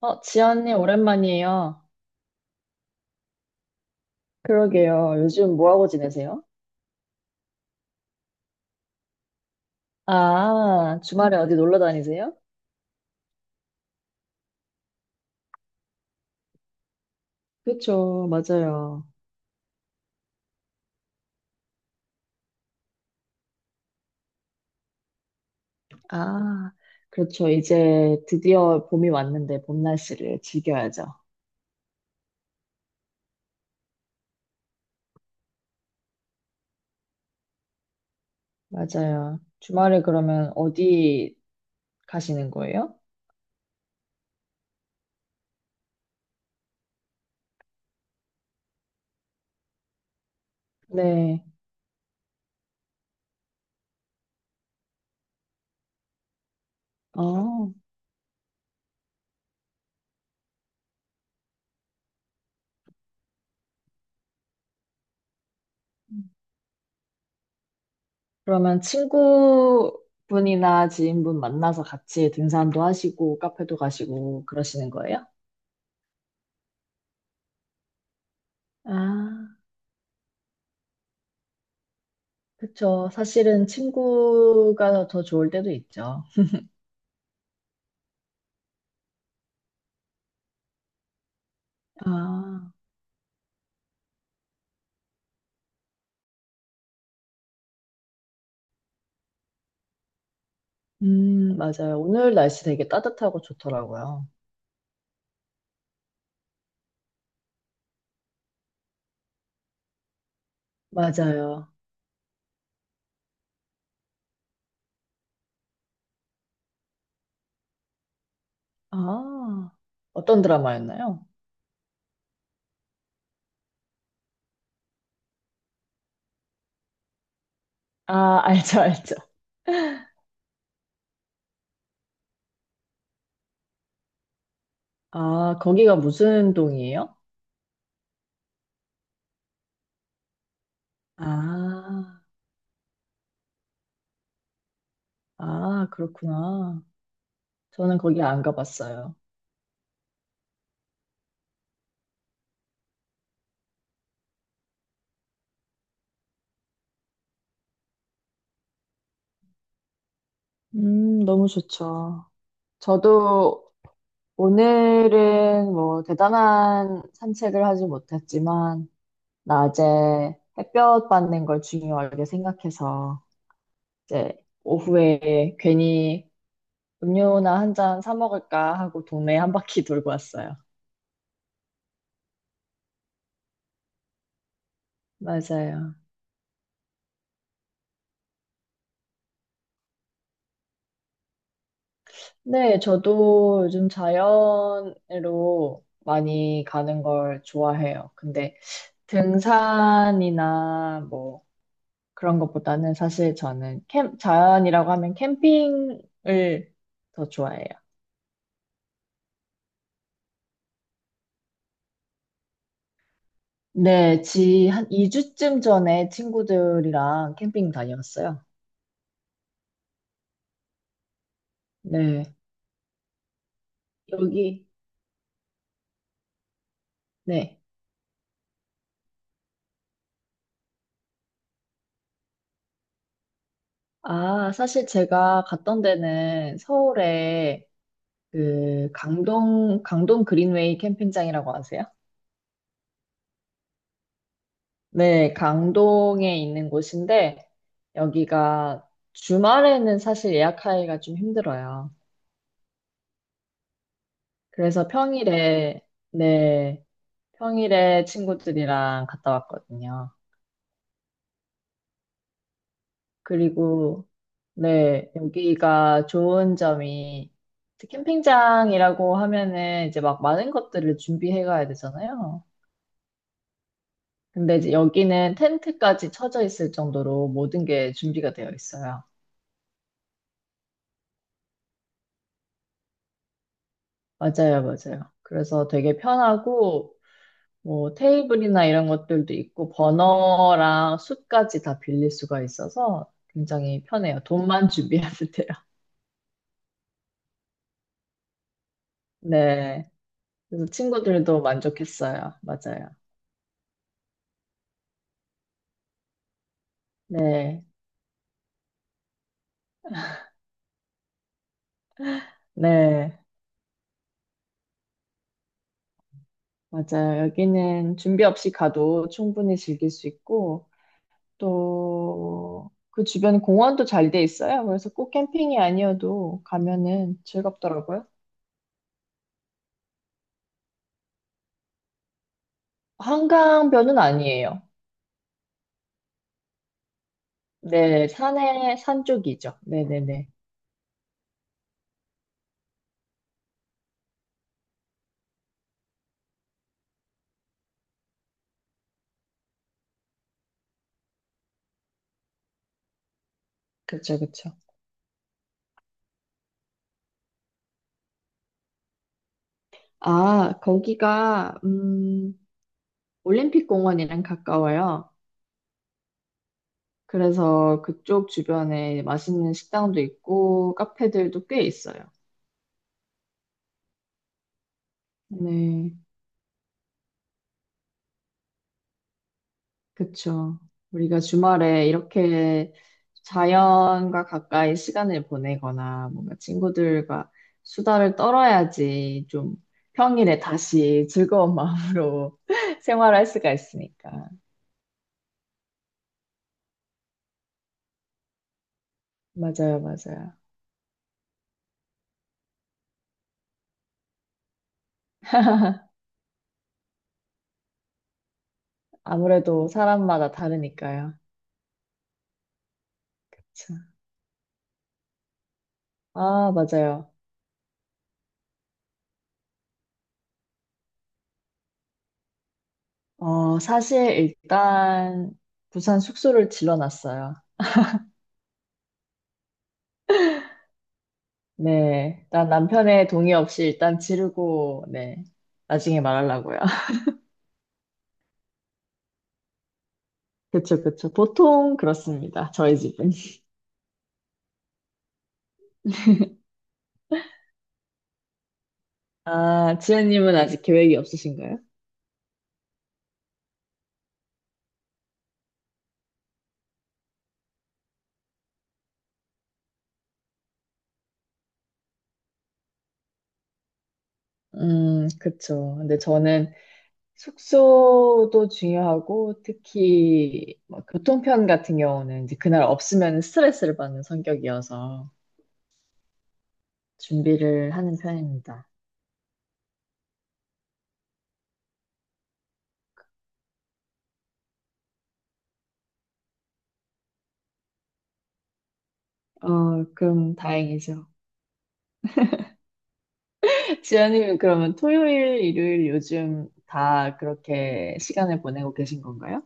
어, 지연님, 오랜만이에요. 그러게요. 요즘 뭐하고 지내세요? 아, 주말에 어디 놀러 다니세요? 그렇죠. 맞아요. 아, 그렇죠. 이제 드디어 봄이 왔는데 봄 날씨를 즐겨야죠. 맞아요. 주말에 그러면 어디 가시는 거예요? 네. 어, 그러면 친구분이나 지인분 만나서 같이 등산도 하시고 카페도 가시고 그러시는 거예요? 아. 그쵸. 사실은 친구가 더 좋을 때도 있죠. 아, 맞아요. 오늘 날씨 되게 따뜻하고 좋더라고요. 맞아요. 아, 어떤 드라마였나요? 아, 알죠, 알죠. 아, 거기가 무슨 동이에요? 아, 아, 그렇구나. 저는 거기 안 가봤어요. 너무 좋죠. 저도 오늘은 뭐 대단한 산책을 하지 못했지만, 낮에 햇볕 받는 걸 중요하게 생각해서 이제 오후에 괜히 음료나 한 잔 사 먹을까 하고 동네 한 바퀴 돌고 왔어요. 맞아요. 네, 저도 요즘 자연으로 많이 가는 걸 좋아해요. 근데 등산이나 뭐 그런 것보다는 사실 저는 자연이라고 하면 캠핑을 더 좋아해요. 네, 지 한 2주쯤 전에 친구들이랑 캠핑 다녀왔어요. 네, 여기, 네. 아, 사실 제가 갔던 데는 서울에 그 강동 그린웨이 캠핑장이라고 아세요? 네, 강동에 있는 곳인데 여기가 주말에는 사실 예약하기가 좀 힘들어요. 그래서 평일에, 네, 평일에 친구들이랑 갔다 왔거든요. 그리고, 네, 여기가 좋은 점이, 이제 캠핑장이라고 하면은 이제 막 많은 것들을 준비해 가야 되잖아요. 근데 이제 여기는 텐트까지 쳐져 있을 정도로 모든 게 준비가 되어 있어요. 맞아요, 맞아요. 그래서 되게 편하고, 뭐 테이블이나 이런 것들도 있고, 버너랑 숯까지 다 빌릴 수가 있어서 굉장히 편해요. 돈만 준비하면 돼요. 네. 그래서 친구들도 만족했어요. 맞아요. 네. 네, 맞아요. 여기는 준비 없이 가도 충분히 즐길 수 있고, 또 그 주변에 공원도 잘 돼 있어요. 그래서 꼭 캠핑이 아니어도 가면은 즐겁더라고요. 한강변은 아니에요. 네, 산에, 산 쪽이죠. 네네네. 그쵸, 그쵸. 아, 거기가, 올림픽 공원이랑 가까워요. 그래서 그쪽 주변에 맛있는 식당도 있고, 카페들도 꽤 있어요. 네. 그쵸. 우리가 주말에 이렇게 자연과 가까이 시간을 보내거나 뭔가 친구들과 수다를 떨어야지 좀 평일에 다시 즐거운 마음으로 생활할 수가 있으니까. 맞아요, 맞아요. 아무래도 사람마다 다르니까요. 참. 아, 맞아요. 어, 사실 일단 부산 숙소를 질러놨어요. 네. 난 남편의 동의 없이 일단 지르고, 네. 나중에 말하려고요. 그쵸, 그쵸. 보통 그렇습니다. 저희 집은. 아, 지연님은 아직 계획이 없으신가요? 그쵸. 근데 저는 숙소도 중요하고, 특히 뭐 교통편 같은 경우는 이제 그날 없으면 스트레스를 받는 성격이어서 준비를 하는 편입니다. 어, 그럼 다행이죠. 지연님은 그러면 토요일, 일요일 요즘 다 그렇게 시간을 보내고 계신 건가요?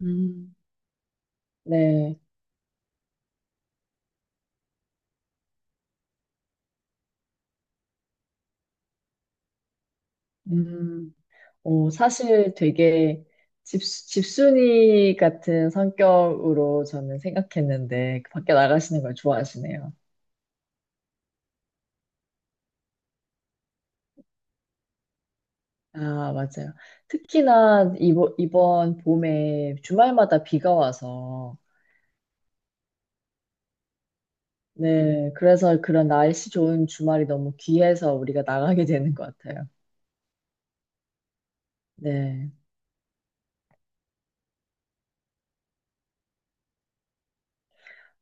음, 네. 음. 어, 사실 되게 집순이 같은 성격으로 저는 생각했는데 그 밖에 나가시는 걸 좋아하시네요. 아, 맞아요. 특히나 이번 봄에 주말마다 비가 와서 네, 그래서 그런 날씨 좋은 주말이 너무 귀해서 우리가 나가게 되는 것 같아요. 네.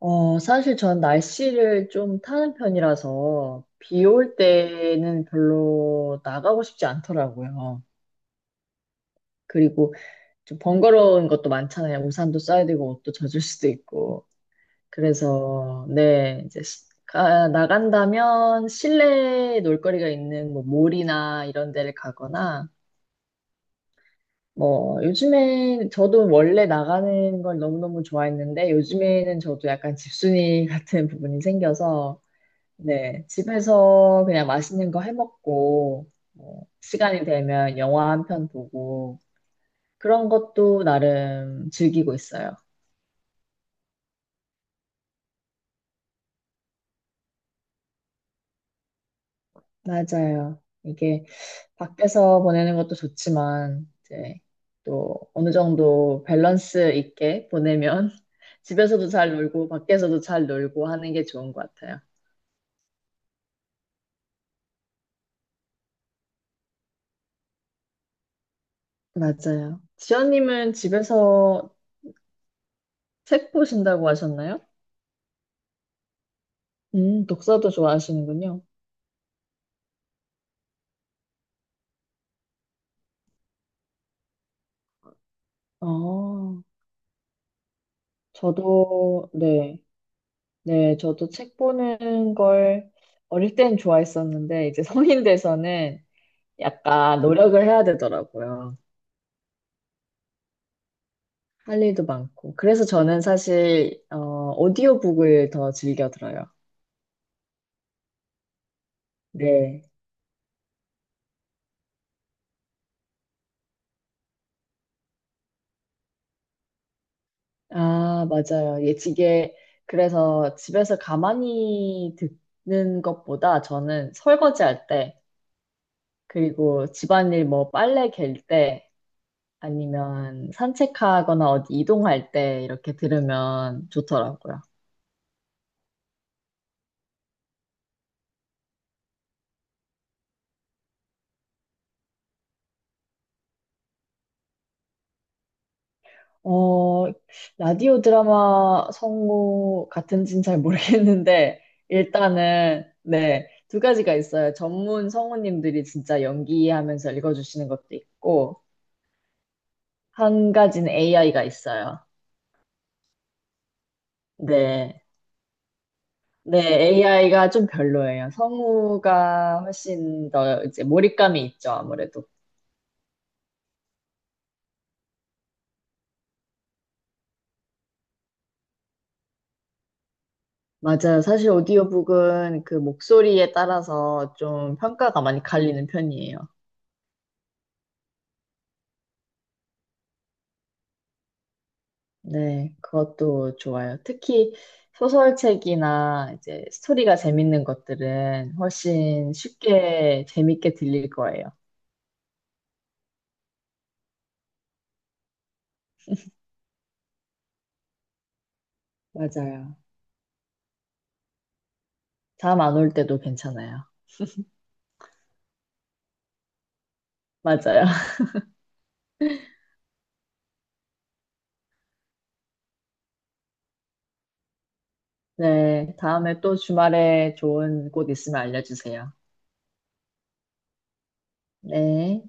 어, 사실 전 날씨를 좀 타는 편이라서 비 올 때는 별로 나가고 싶지 않더라고요. 그리고 좀 번거로운 것도 많잖아요. 우산도 써야 되고 옷도 젖을 수도 있고. 그래서 네, 이제 나간다면 실내 놀거리가 있는 뭐 몰이나 이런 데를 가거나 뭐 요즘에 저도 원래 나가는 걸 너무너무 좋아했는데 요즘에는 저도 약간 집순이 같은 부분이 생겨서 네, 집에서 그냥 맛있는 거 해 먹고 뭐 시간이 되면 영화 한 편 보고 그런 것도 나름 즐기고 있어요. 맞아요. 이게 밖에서 보내는 것도 좋지만, 이제 또 어느 정도 밸런스 있게 보내면 집에서도 잘 놀고, 밖에서도 잘 놀고 하는 게 좋은 것 같아요. 맞아요. 지연님은 집에서 책 보신다고 하셨나요? 독서도 좋아하시는군요. 어, 저도, 네. 네, 저도 책 보는 걸 어릴 땐 좋아했었는데, 이제 성인 돼서는 약간 노력을 해야 되더라고요. 할 일도 많고. 그래서 저는 사실, 오디오북을 더 즐겨 들어요. 네. 아, 맞아요. 예, 이게, 그래서 집에서 가만히 듣는 것보다 저는 설거지 할 때, 그리고 집안일 뭐 빨래 갤 때, 아니면 산책하거나 어디 이동할 때 이렇게 들으면 좋더라고요. 어, 라디오 드라마 성우 같은지는 잘 모르겠는데, 일단은, 네, 두 가지가 있어요. 전문 성우님들이 진짜 연기하면서 읽어주시는 것도 있고, 한 가지는 AI가 있어요. 네. 네, AI가 좀 별로예요. 성우가 훨씬 더 이제 몰입감이 있죠, 아무래도. 맞아요. 사실 오디오북은 그 목소리에 따라서 좀 평가가 많이 갈리는 편이에요. 네, 그것도 좋아요. 특히 소설책이나 이제 스토리가 재밌는 것들은 훨씬 쉽게 재밌게 들릴 거예요. 맞아요. 잠 안 올 때도 괜찮아요. 맞아요. 네, 다음에 또 주말에 좋은 곳 있으면 알려주세요. 네.